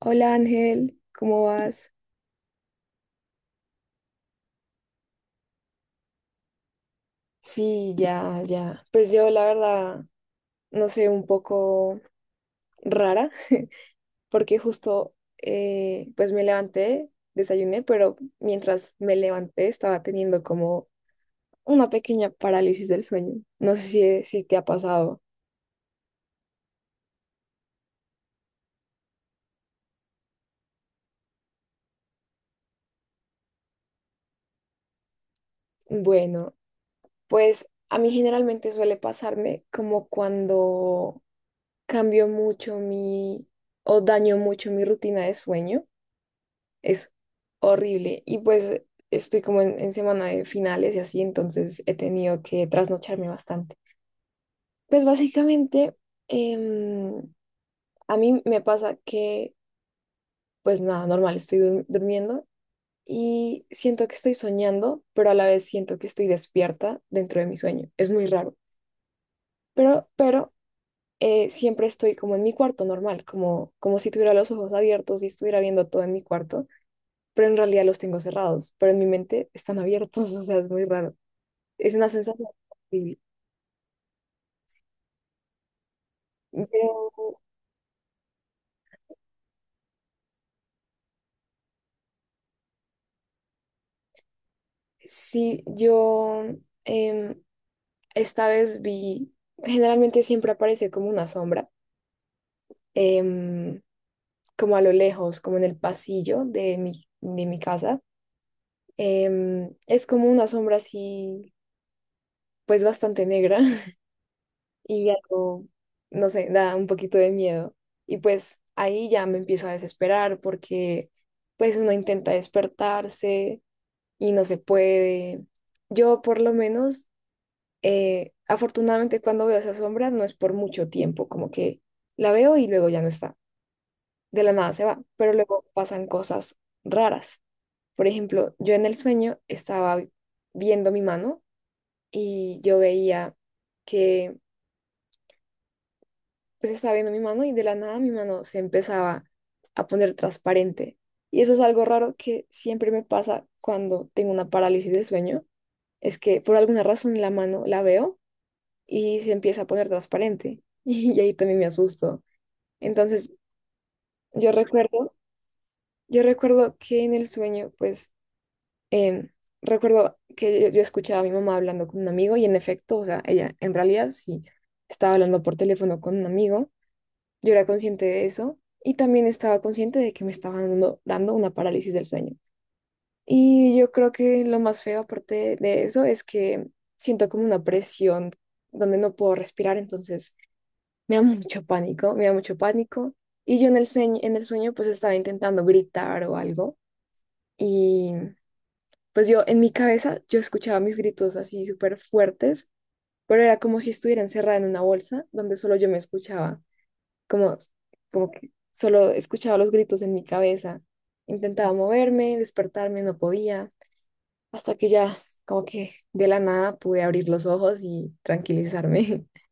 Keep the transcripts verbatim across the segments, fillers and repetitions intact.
Hola Ángel, ¿cómo vas? Sí, ya, ya. Pues yo la verdad, no sé, un poco rara, porque justo eh, pues me levanté, desayuné, pero mientras me levanté estaba teniendo como una pequeña parálisis del sueño. No sé si, si te ha pasado. Bueno, pues a mí generalmente suele pasarme como cuando cambio mucho mi o daño mucho mi rutina de sueño. Es horrible. Y pues estoy como en, en semana de finales y así, entonces he tenido que trasnocharme bastante. Pues básicamente, em, a mí me pasa que, pues nada, normal, estoy dur- durmiendo y siento que estoy soñando, pero a la vez siento que estoy despierta dentro de mi sueño. Es muy raro. Pero, pero eh, siempre estoy como en mi cuarto normal, como, como si tuviera los ojos abiertos y estuviera viendo todo en mi cuarto, pero en realidad los tengo cerrados, pero en mi mente están abiertos, o sea, es muy raro. Es una sensación horrible. Pero sí, yo, em, esta vez vi, generalmente siempre aparece como una sombra, em, como a lo lejos, como en el pasillo de mi, de mi casa. Em, es como una sombra así, pues bastante negra, y algo, no no sé, da un poquito de miedo. Y pues ahí ya me empiezo a desesperar porque pues uno intenta despertarse y no se puede. Yo por lo menos, eh, afortunadamente cuando veo esa sombra no es por mucho tiempo, como que la veo y luego ya no está, de la nada se va, pero luego pasan cosas raras. Por ejemplo, yo en el sueño estaba viendo mi mano y yo veía que pues estaba viendo mi mano y de la nada mi mano se empezaba a poner transparente. Y eso es algo raro que siempre me pasa cuando tengo una parálisis de sueño, es que por alguna razón la mano la veo y se empieza a poner transparente. Y ahí también me asusto. Entonces, yo recuerdo, yo recuerdo que en el sueño, pues, em, recuerdo que yo, yo escuchaba a mi mamá hablando con un amigo y en efecto, o sea, ella en realidad sí estaba hablando por teléfono con un amigo. Yo era consciente de eso y también estaba consciente de que me estaba dando, dando una parálisis del sueño. Y yo creo que lo más feo aparte de eso es que siento como una presión donde no puedo respirar, entonces me da mucho pánico, me da mucho pánico. Y yo en el sueño, en el sueño pues estaba intentando gritar o algo y pues yo en mi cabeza yo escuchaba mis gritos así súper fuertes, pero era como si estuviera encerrada en una bolsa donde solo yo me escuchaba. Como, como que solo escuchaba los gritos en mi cabeza. Intentaba moverme, despertarme, no podía, hasta que ya como que de la nada pude abrir los ojos y tranquilizarme.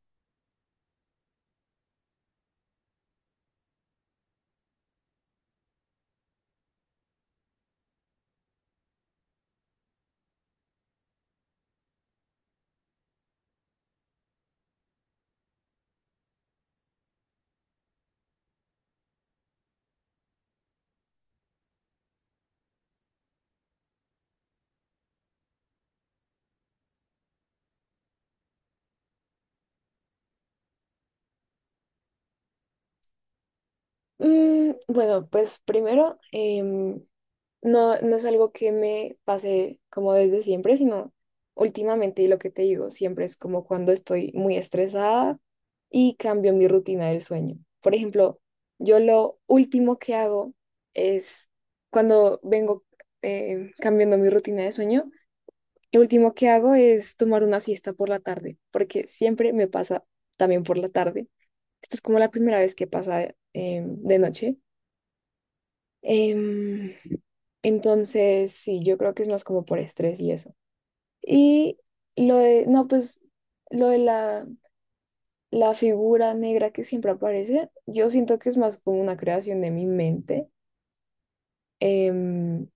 Mm, bueno, pues primero, em, no, no es algo que me pase como desde siempre, sino últimamente, y lo que te digo, siempre es como cuando estoy muy estresada y cambio mi rutina del sueño. Por ejemplo, yo lo último que hago es cuando vengo em, cambiando mi rutina de sueño, lo último que hago es tomar una siesta por la tarde, porque siempre me pasa también por la tarde. Esta es como la primera vez que pasa em, de noche. Em, entonces, sí, yo creo que es más como por estrés y eso. Y lo de, no, pues lo de la, la figura negra que siempre aparece, yo siento que es más como una creación de mi mente, em,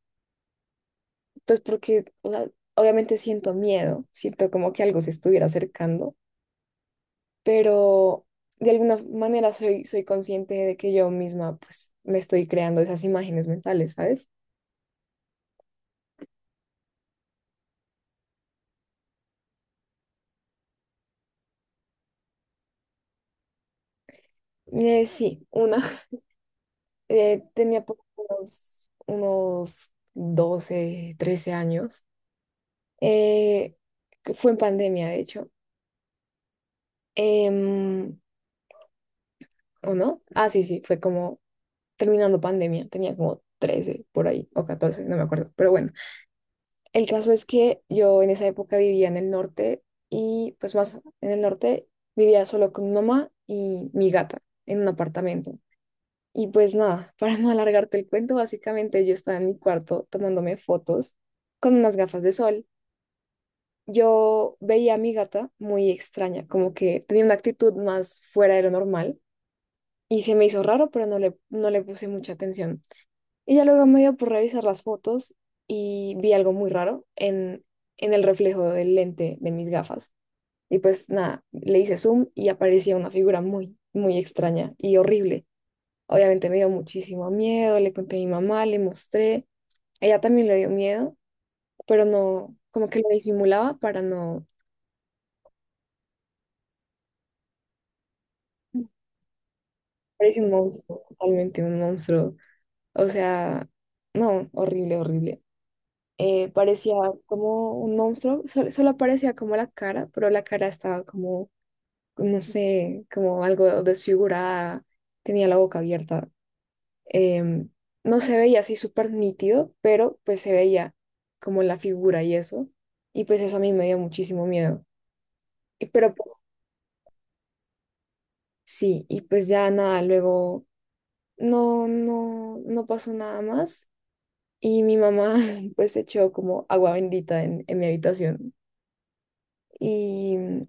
pues porque, o sea, obviamente siento miedo, siento como que algo se estuviera acercando, pero de alguna manera soy, soy consciente de que yo misma, pues, me estoy creando esas imágenes mentales, ¿sabes? Eh, sí, una. Eh, tenía por unos, unos doce trece años. Eh, que fue en pandemia, de hecho. Em, ¿o no? Ah, sí, sí, fue como terminando pandemia. Tenía como trece por ahí, o catorce no me acuerdo. Pero bueno, el caso es que yo en esa época vivía en el norte y pues más en el norte vivía solo con mi mamá y mi gata en un apartamento. Y pues nada, para no alargarte el cuento, básicamente yo estaba en mi cuarto tomándome fotos con unas gafas de sol. Yo veía a mi gata muy extraña, como que tenía una actitud más fuera de lo normal y se me hizo raro, pero no le, no le puse mucha atención. Y ya luego me dio por revisar las fotos y vi algo muy raro en, en el reflejo del lente de mis gafas. Y pues nada, le hice zoom y aparecía una figura muy, muy extraña y horrible. Obviamente me dio muchísimo miedo, le conté a mi mamá, le mostré. Ella también le dio miedo, pero no, como que lo disimulaba para no. Parece un monstruo, totalmente un monstruo. O sea, no, horrible, horrible. Eh, parecía como un monstruo, sol- solo, parecía como la cara, pero la cara estaba como, no sé, como algo desfigurada, tenía la boca abierta. Em, no se veía así súper nítido, pero pues se veía como la figura y eso. Y pues eso a mí me dio muchísimo miedo. Y, pero pues sí, y pues ya nada, luego no, no, no pasó nada más. Y mi mamá pues echó como agua bendita en, en mi habitación. Y,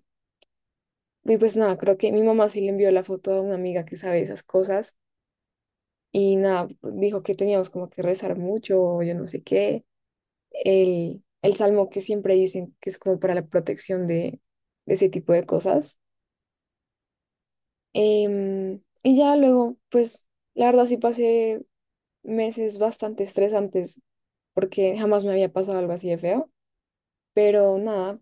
y pues nada, creo que mi mamá sí le envió la foto a una amiga que sabe esas cosas. Y nada, dijo que teníamos como que rezar mucho, o yo no sé qué. el, el salmo que siempre dicen que es como para la protección de, de ese tipo de cosas. Em, y ya luego, pues la verdad sí pasé meses bastante estresantes porque jamás me había pasado algo así de feo, pero nada,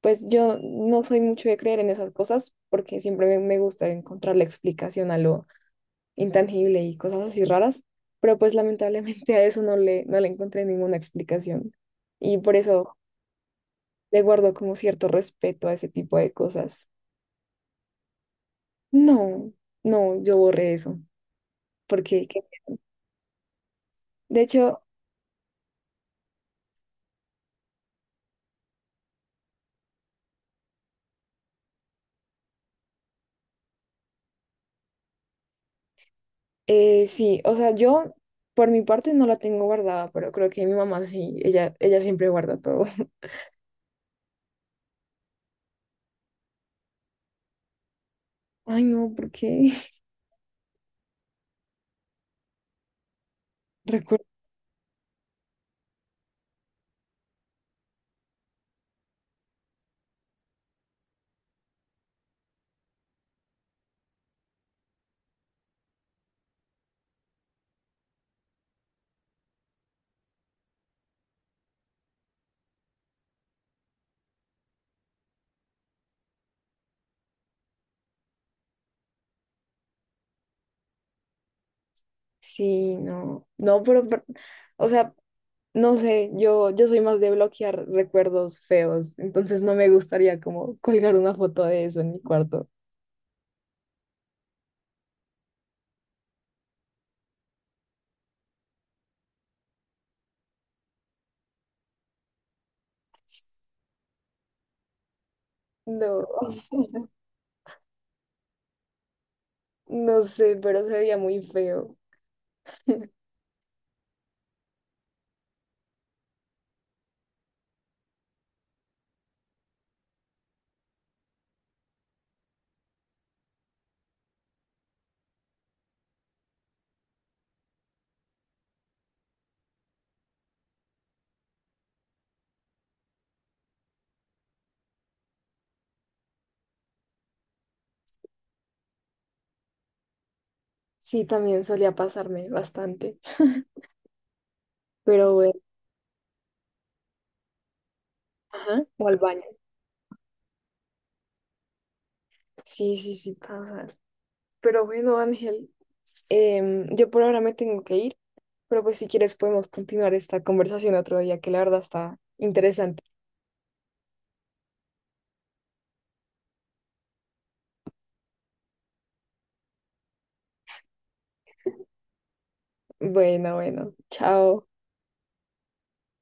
pues yo no soy mucho de creer en esas cosas porque siempre me, me gusta encontrar la explicación a lo intangible y cosas así raras, pero pues lamentablemente a eso no le, no le encontré ninguna explicación. Y por eso le guardo como cierto respeto a ese tipo de cosas. No, no, yo borré eso, porque que- de hecho, eh, sí, o sea, yo por mi parte no la tengo guardada, pero creo que mi mamá sí, ella, ella siempre guarda todo. Ay, no, porque recuerdo, sí, no, no, pero, pero, o sea, no sé, yo, yo soy más de bloquear recuerdos feos, entonces no me gustaría como colgar una foto de eso en mi cuarto. No, no sé, pero se veía muy feo. Sí, también solía pasarme bastante, pero bueno, ajá, o al baño. Sí, sí, sí pasa. Pero bueno, Ángel, em, yo por ahora me tengo que ir, pero pues si quieres podemos continuar esta conversación otro día, que la verdad está interesante. Bueno, bueno, chao.